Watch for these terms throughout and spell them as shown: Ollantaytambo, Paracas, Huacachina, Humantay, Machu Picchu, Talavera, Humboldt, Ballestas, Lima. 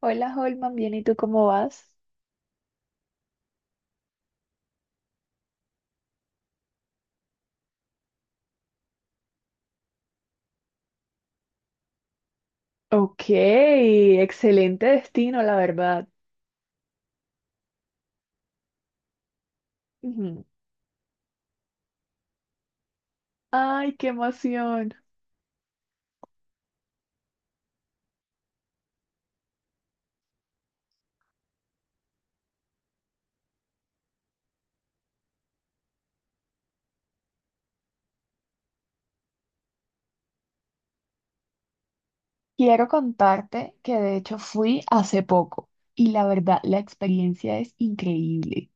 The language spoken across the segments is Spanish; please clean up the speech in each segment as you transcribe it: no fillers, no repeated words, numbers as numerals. Hola, Holman, bien, ¿y tú cómo vas? Ok, excelente destino, la verdad. Ujú. Ay, qué emoción. Quiero contarte que de hecho fui hace poco y la verdad la experiencia es increíble.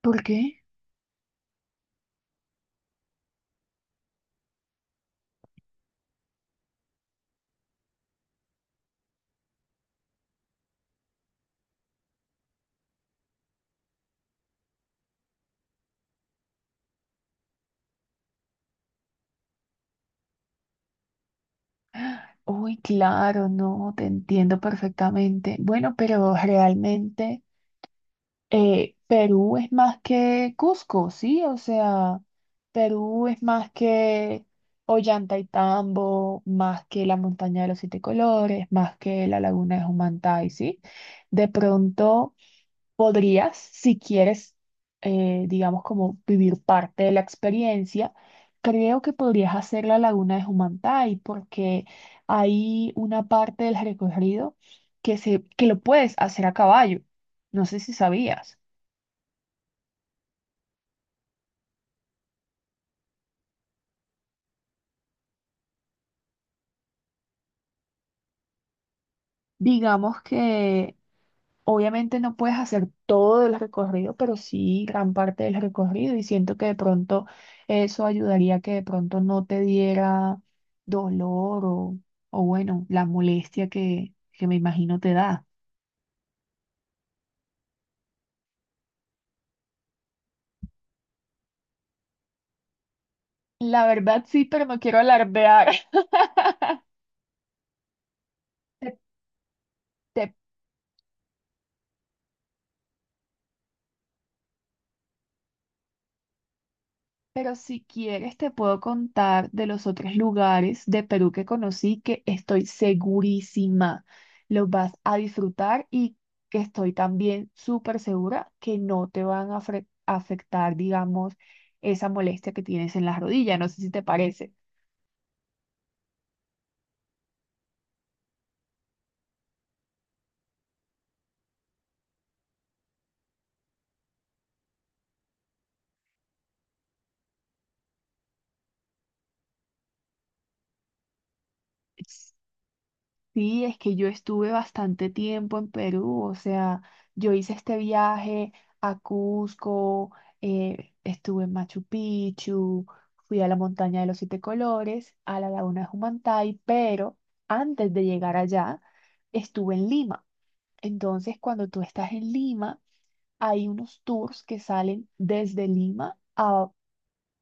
¿Por qué? Uy, claro, no, te entiendo perfectamente. Bueno, pero realmente Perú es más que Cusco, ¿sí? O sea, Perú es más que Ollantaytambo, más que la montaña de los siete colores, más que la laguna de Humantay, ¿sí? De pronto podrías, si quieres, digamos, como vivir parte de la experiencia, creo que podrías hacer la laguna de Humantay porque hay una parte del recorrido que lo puedes hacer a caballo. No sé si sabías. Digamos que obviamente no puedes hacer todo el recorrido, pero sí gran parte del recorrido y siento que de pronto eso ayudaría a que de pronto no te diera dolor o bueno, la molestia que me imagino te da. La verdad sí, pero no quiero alardear. Te, te Pero si quieres, te puedo contar de los otros lugares de Perú que conocí que estoy segurísima los vas a disfrutar y que estoy también súper segura que no te van a afectar, digamos, esa molestia que tienes en las rodillas. No sé si te parece. Sí, es que yo estuve bastante tiempo en Perú, o sea, yo hice este viaje a Cusco, estuve en Machu Picchu, fui a la montaña de los siete colores, a la laguna de Humantay, pero antes de llegar allá estuve en Lima. Entonces, cuando tú estás en Lima, hay unos tours que salen desde Lima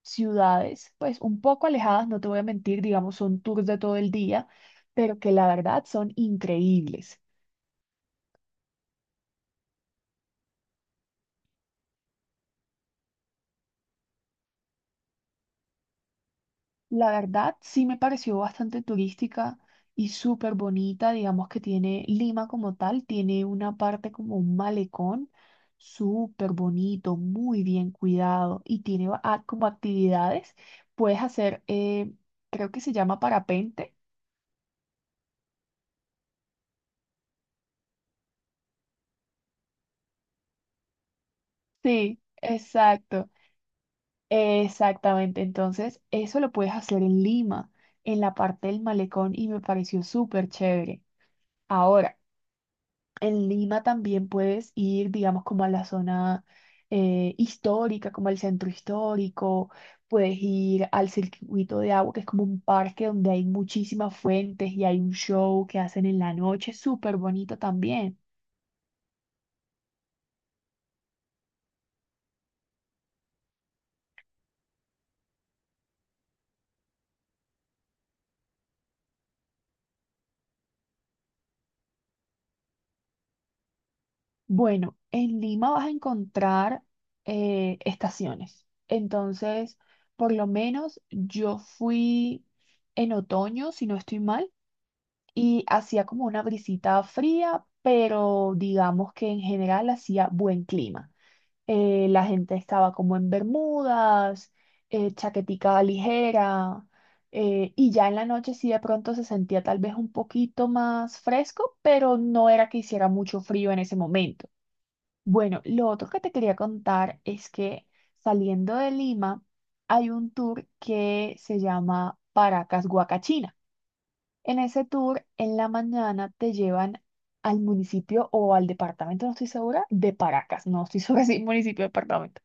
ciudades, pues un poco alejadas, no te voy a mentir, digamos, son tours de todo el día, pero que la verdad son increíbles. La verdad sí me pareció bastante turística y súper bonita, digamos que tiene Lima como tal, tiene una parte como un malecón súper bonito, muy bien cuidado y tiene como actividades, puedes hacer, creo que se llama parapente. Sí, exacto. Exactamente, entonces eso lo puedes hacer en Lima, en la parte del malecón y me pareció súper chévere. Ahora, en Lima también puedes ir, digamos, como a la zona histórica, como al centro histórico, puedes ir al circuito de agua, que es como un parque donde hay muchísimas fuentes y hay un show que hacen en la noche, súper bonito también. Bueno, en Lima vas a encontrar estaciones. Entonces, por lo menos yo fui en otoño, si no estoy mal, y hacía como una brisita fría, pero digamos que en general hacía buen clima. La gente estaba como en bermudas, chaquetica ligera, y ya en la noche sí de pronto se sentía tal vez un poquito más fresco, pero no era que hiciera mucho frío en ese momento. Bueno, lo otro que te quería contar es que saliendo de Lima hay un tour que se llama Paracas Huacachina. En ese tour, en la mañana te llevan al municipio o al departamento, no estoy segura, de Paracas. No estoy segura si municipio o departamento,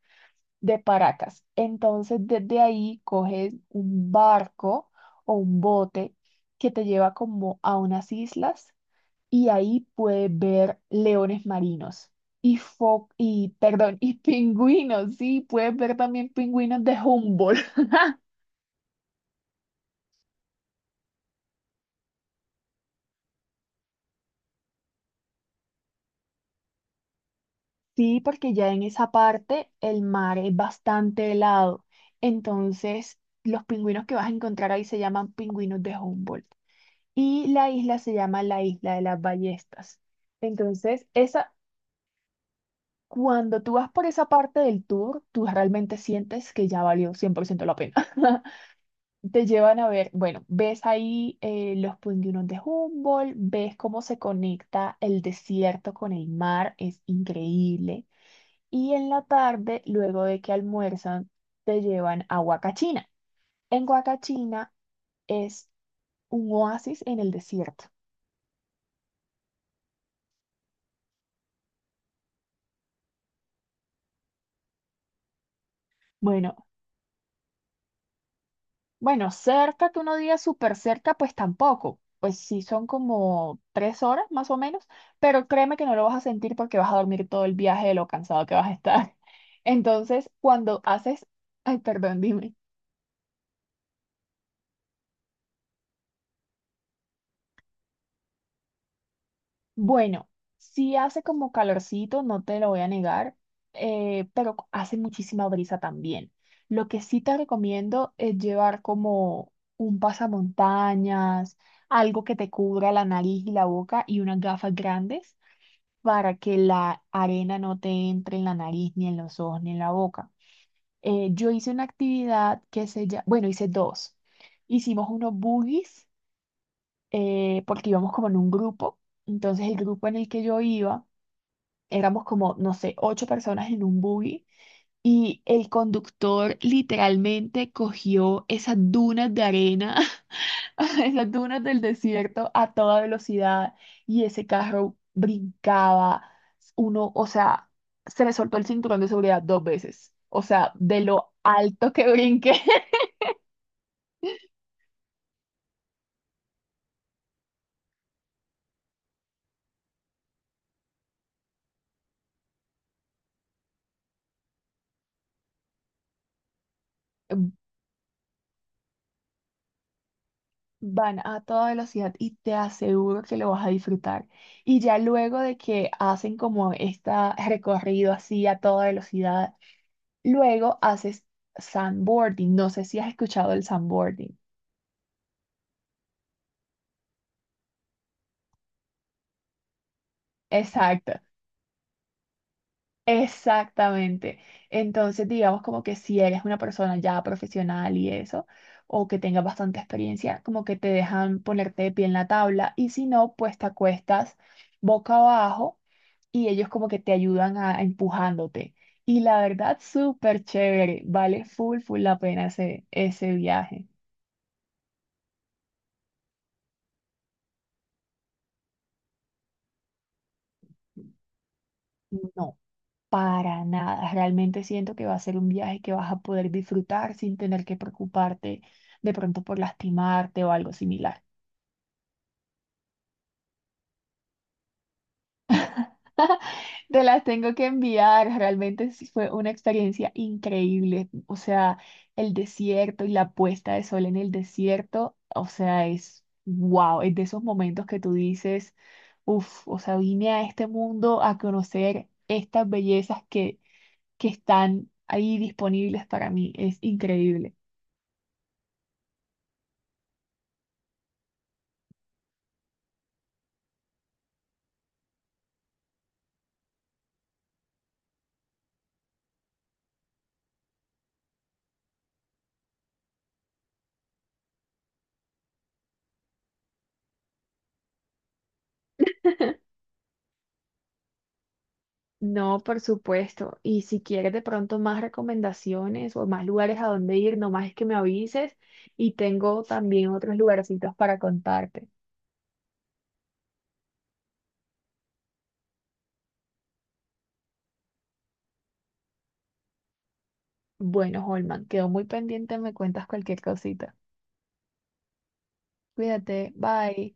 de Paracas. Entonces, desde ahí coges un barco o un bote que te lleva como a unas islas y ahí puede ver leones marinos y y perdón, y pingüinos, sí, puedes ver también pingüinos de Humboldt. Sí, porque ya en esa parte el mar es bastante helado. Entonces, los pingüinos que vas a encontrar ahí se llaman pingüinos de Humboldt. Y la isla se llama la isla de las ballestas. Entonces, esa, cuando tú vas por esa parte del tour, tú realmente sientes que ya valió 100% la pena. Te llevan a ver, bueno, ves ahí los pingüinos de Humboldt, ves cómo se conecta el desierto con el mar, es increíble. Y en la tarde, luego de que almuerzan, te llevan a Huacachina. En Huacachina es un oasis en el desierto. Bueno, Bueno, cerca, que uno diga súper cerca, pues tampoco. Pues sí son como 3 horas más o menos, pero créeme que no lo vas a sentir porque vas a dormir todo el viaje de lo cansado que vas a estar. Entonces, cuando haces, ay, perdón, dime. Bueno, sí hace como calorcito, no te lo voy a negar, pero hace muchísima brisa también. Lo que sí te recomiendo es llevar como un pasamontañas, algo que te cubra la nariz y la boca y unas gafas grandes para que la arena no te entre en la nariz, ni en los ojos, ni en la boca. Yo hice una actividad que se llama, bueno, hice dos. Hicimos unos boogies porque íbamos como en un grupo. Entonces el grupo en el que yo iba, éramos como, no sé, 8 personas en un buggy y el conductor literalmente cogió esas dunas de arena en las dunas del desierto a toda velocidad y ese carro brincaba. Uno, o sea, se me soltó el cinturón de seguridad 2 veces. O sea, de lo alto que brinqué, van a toda velocidad y te aseguro que lo vas a disfrutar. Y ya luego de que hacen como este recorrido así a toda velocidad, luego haces sandboarding. No sé si has escuchado el sandboarding. Exacto. Exactamente. Entonces, digamos como que si eres una persona ya profesional y eso, o que tenga bastante experiencia, como que te dejan ponerte de pie en la tabla y si no, pues te acuestas boca abajo y ellos como que te ayudan a empujándote. Y la verdad, súper chévere. Vale full, full la pena ese viaje. No, para nada. Realmente siento que va a ser un viaje que vas a poder disfrutar sin tener que preocuparte de pronto por lastimarte o algo similar. Te las tengo que enviar, realmente sí fue una experiencia increíble. O sea, el desierto y la puesta de sol en el desierto, o sea, es wow, es de esos momentos que tú dices, uff, o sea, vine a este mundo a conocer estas bellezas que están ahí disponibles para mí, es increíble. No, por supuesto. Y si quieres de pronto más recomendaciones o más lugares a donde ir, nomás es que me avises y tengo también otros lugarcitos para contarte. Bueno, Holman, quedo muy pendiente, me cuentas cualquier cosita. Cuídate, bye.